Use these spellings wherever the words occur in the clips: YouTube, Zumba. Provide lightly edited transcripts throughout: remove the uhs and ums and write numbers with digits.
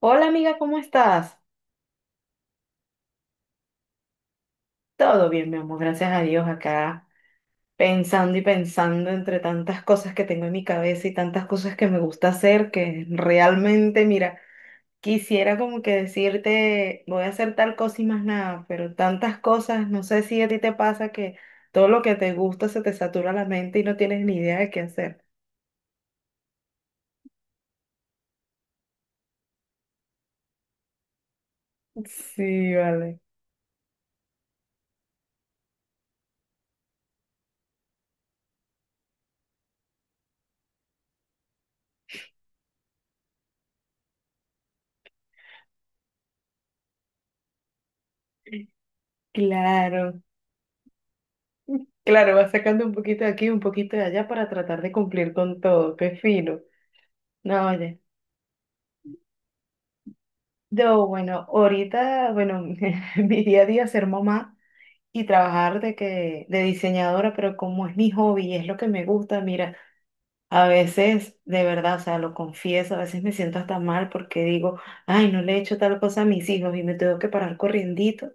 Hola amiga, ¿cómo estás? Todo bien, mi amor, gracias a Dios acá, pensando y pensando entre tantas cosas que tengo en mi cabeza y tantas cosas que me gusta hacer, que realmente, mira, quisiera como que decirte, voy a hacer tal cosa y más nada, pero tantas cosas, no sé si a ti te pasa que todo lo que te gusta se te satura la mente y no tienes ni idea de qué hacer. Sí, vale. Claro, claro, vas sacando un poquito de aquí, un poquito de allá para tratar de cumplir con todo, qué fino. No, oye. Yo, bueno, ahorita, bueno, mi día a día es ser mamá y trabajar de diseñadora, pero como es mi hobby y es lo que me gusta, mira, a veces, de verdad, o sea, lo confieso, a veces me siento hasta mal porque digo, ay, no le he hecho tal cosa a mis hijos y me tengo que parar corriendito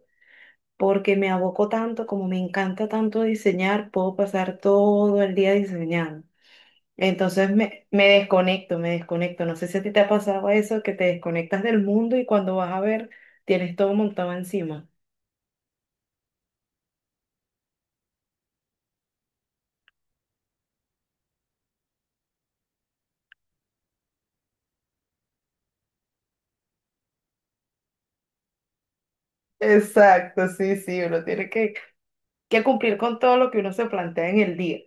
porque me aboco tanto, como me encanta tanto diseñar, puedo pasar todo el día diseñando. Entonces me desconecto, me desconecto. No sé si a ti te ha pasado eso, que te desconectas del mundo y cuando vas a ver, tienes todo montado encima. Exacto, sí, sí, uno tiene que cumplir con todo lo que uno se plantea en el día.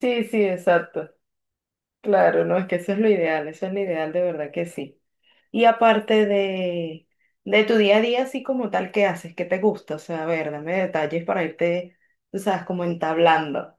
Sí, sí, exacto. Claro, no, es que eso es lo ideal, eso es lo ideal, de verdad que sí. Y aparte de tu día a día, así como tal, ¿qué haces? ¿Qué te gusta? O sea, a ver, dame detalles para irte, tú sabes, como entablando.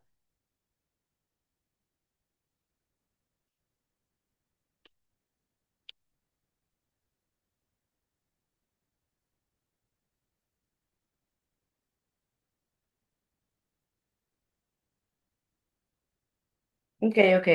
Ok, ok.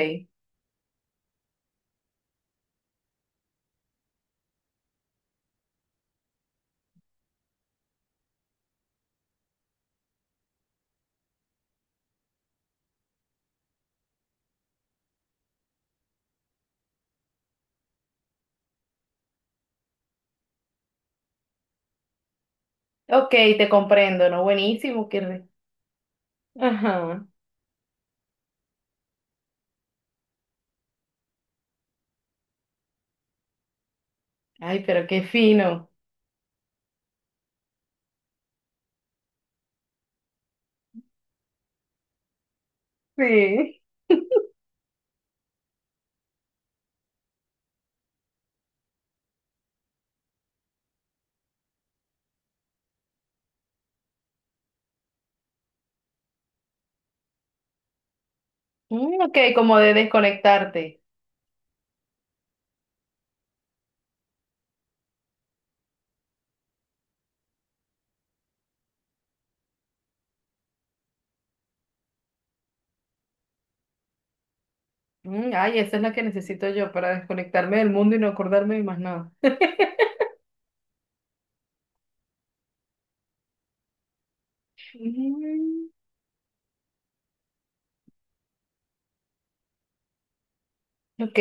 Ok, te comprendo, ¿no? Buenísimo, ajá. Ay, pero qué fino. Sí. Mm, ok, como de desconectarte. Mm, ay, esa es la que necesito yo para desconectarme del mundo y no acordarme de más nada. Mm, ok,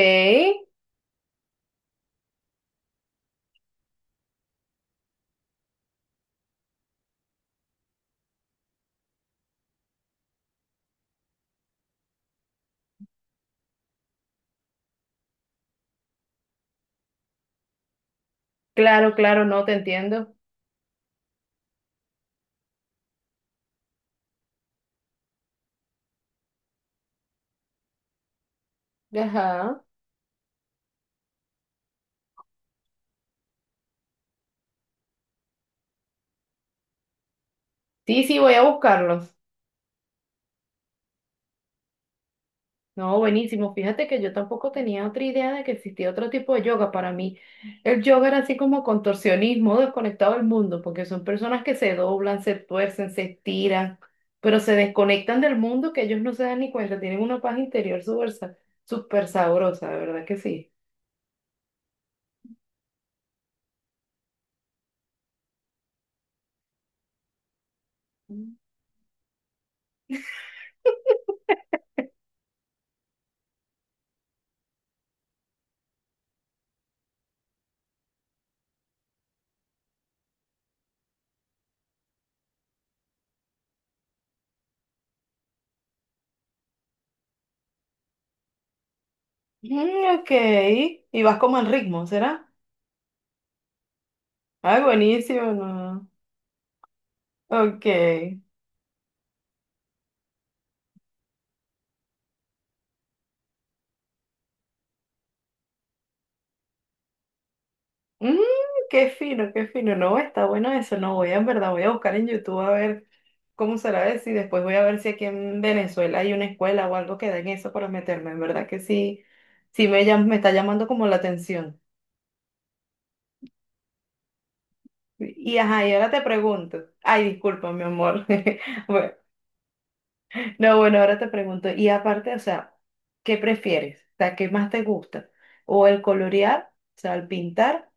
claro, claro, no te entiendo. Ajá. Sí, sí, voy a buscarlos. No, buenísimo. Fíjate que yo tampoco tenía otra idea de que existía otro tipo de yoga. Para mí, el yoga era así como contorsionismo, desconectado del mundo, porque son personas que se doblan, se tuercen, se estiran, pero se desconectan del mundo que ellos no se dan ni cuenta. Tienen una paz interior súper sabrosa, de verdad que sí. Mm, ok. Y vas como en ritmo, ¿será? Ay, buenísimo, ¿no? Ok. Mm, qué fino, qué fino. No, está bueno eso. No, en verdad, voy a buscar en YouTube a ver cómo será eso y después voy a ver si aquí en Venezuela hay una escuela o algo que den eso para meterme. En verdad que sí, me está llamando como la atención. Y ajá, y ahora te pregunto. Ay, disculpa, mi amor. Bueno, no, bueno, ahora te pregunto. Y aparte, o sea, ¿qué prefieres? O sea, ¿qué más te gusta? ¿O el colorear, o sea, el pintar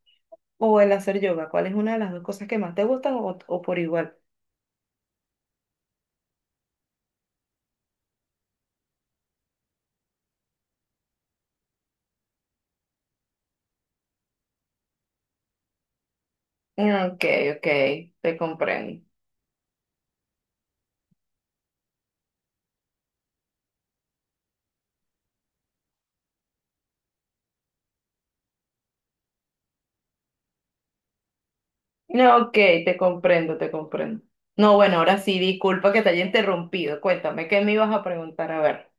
o el hacer yoga? ¿Cuál es una de las dos cosas que más te gustan o por igual? Ok, ok, te comprendo. No, ok, te comprendo, te comprendo. No, bueno, ahora sí, disculpa que te haya interrumpido. Cuéntame, ¿qué me ibas a preguntar? A ver.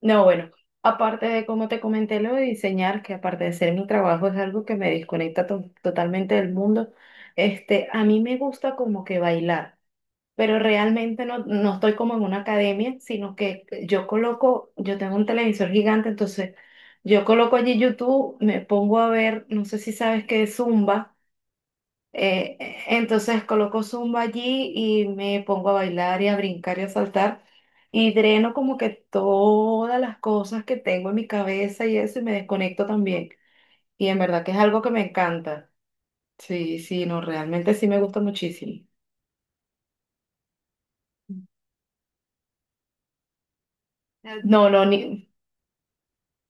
No, bueno, aparte de como te comenté lo de diseñar, que aparte de ser mi trabajo es algo que me desconecta totalmente del mundo, este, a mí me gusta como que bailar. Pero realmente no, no estoy como en una academia, sino que yo coloco, yo tengo un televisor gigante, entonces yo coloco allí YouTube, me pongo a ver, no sé si sabes qué es Zumba, entonces coloco Zumba allí y me pongo a bailar y a brincar y a saltar y dreno como que todas las cosas que tengo en mi cabeza y eso y me desconecto también. Y en verdad que es algo que me encanta. Sí, sí, no, realmente sí me gusta muchísimo. No, no, ni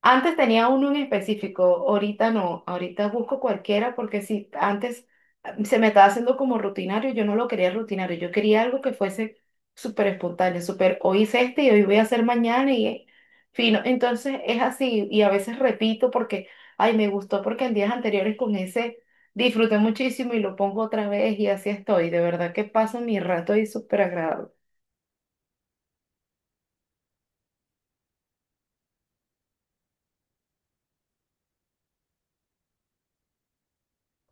antes tenía uno en específico, ahorita no, ahorita busco cualquiera porque si antes se me estaba haciendo como rutinario, yo no lo quería rutinario, yo quería algo que fuese súper espontáneo, súper, hoy hice este y hoy voy a hacer mañana y fino. Entonces es así y a veces repito porque, ay, me gustó porque en días anteriores con ese disfruté muchísimo y lo pongo otra vez y así estoy, de verdad que paso mi rato y súper agradable.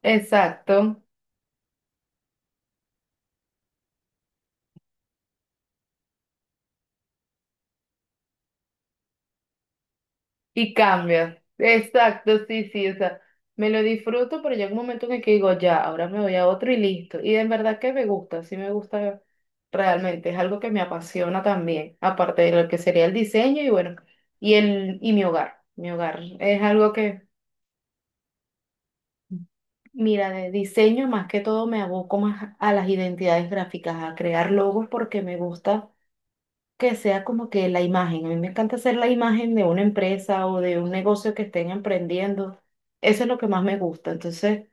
Exacto. Y cambia. Exacto, sí, sí. O sea, me lo disfruto, pero llega un momento en el que digo, ya, ahora me voy a otro y listo. Y en verdad que me gusta, sí me gusta realmente. Es algo que me apasiona también, aparte de lo que sería el diseño y bueno, y mi hogar. Mi hogar es algo que, mira, de diseño más que todo me aboco más a las identidades gráficas, a crear logos porque me gusta que sea como que la imagen. A mí me encanta hacer la imagen de una empresa o de un negocio que estén emprendiendo. Eso es lo que más me gusta. Entonces,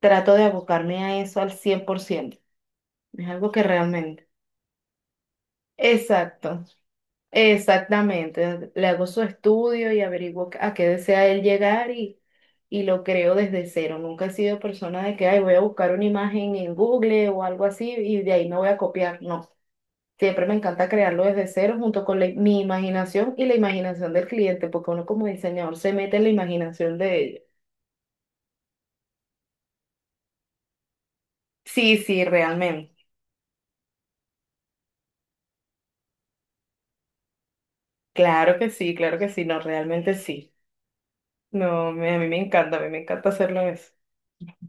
trato de abocarme a eso al 100%. Es algo que realmente. Exacto, exactamente. Le hago su estudio y averiguo a qué desea él llegar y lo creo desde cero. Nunca he sido persona de que, ay, voy a buscar una imagen en Google o algo así y de ahí me voy a copiar. No. Siempre me encanta crearlo desde cero junto con mi imaginación y la imaginación del cliente, porque uno como diseñador se mete en la imaginación de ellos. Sí, sí, realmente. Claro que sí, no, realmente sí. No, a mí me encanta, a mí me encanta hacerlo eso.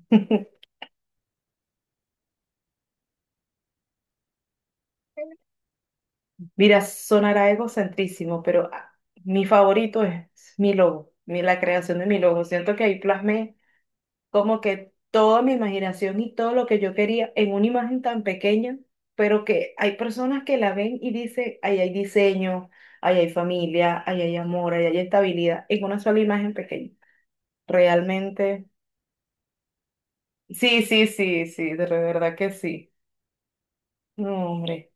Mira, sonará egocentrísimo, pero mi favorito es mi logo, la creación de mi logo. Siento que ahí plasmé como que toda mi imaginación y todo lo que yo quería en una imagen tan pequeña, pero que hay personas que la ven y dicen, ahí hay diseño, ahí hay familia, ahí hay amor, ahí hay estabilidad, en una sola imagen pequeña. Realmente, sí, sí, sí, sí, de verdad que sí. No, hombre,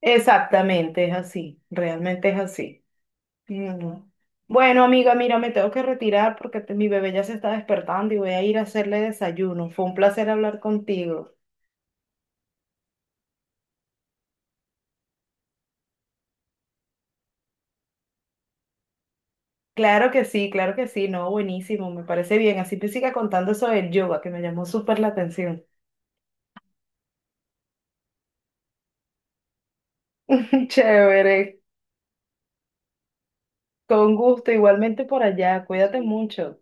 exactamente es así, realmente es así. Mm. Bueno, amiga, mira, me tengo que retirar porque mi bebé ya se está despertando y voy a ir a hacerle desayuno. Fue un placer hablar contigo. Claro que sí, no, buenísimo, me parece bien. Así te siga contando eso del yoga, que me llamó súper la atención. Chévere, con gusto, igualmente por allá, cuídate mucho.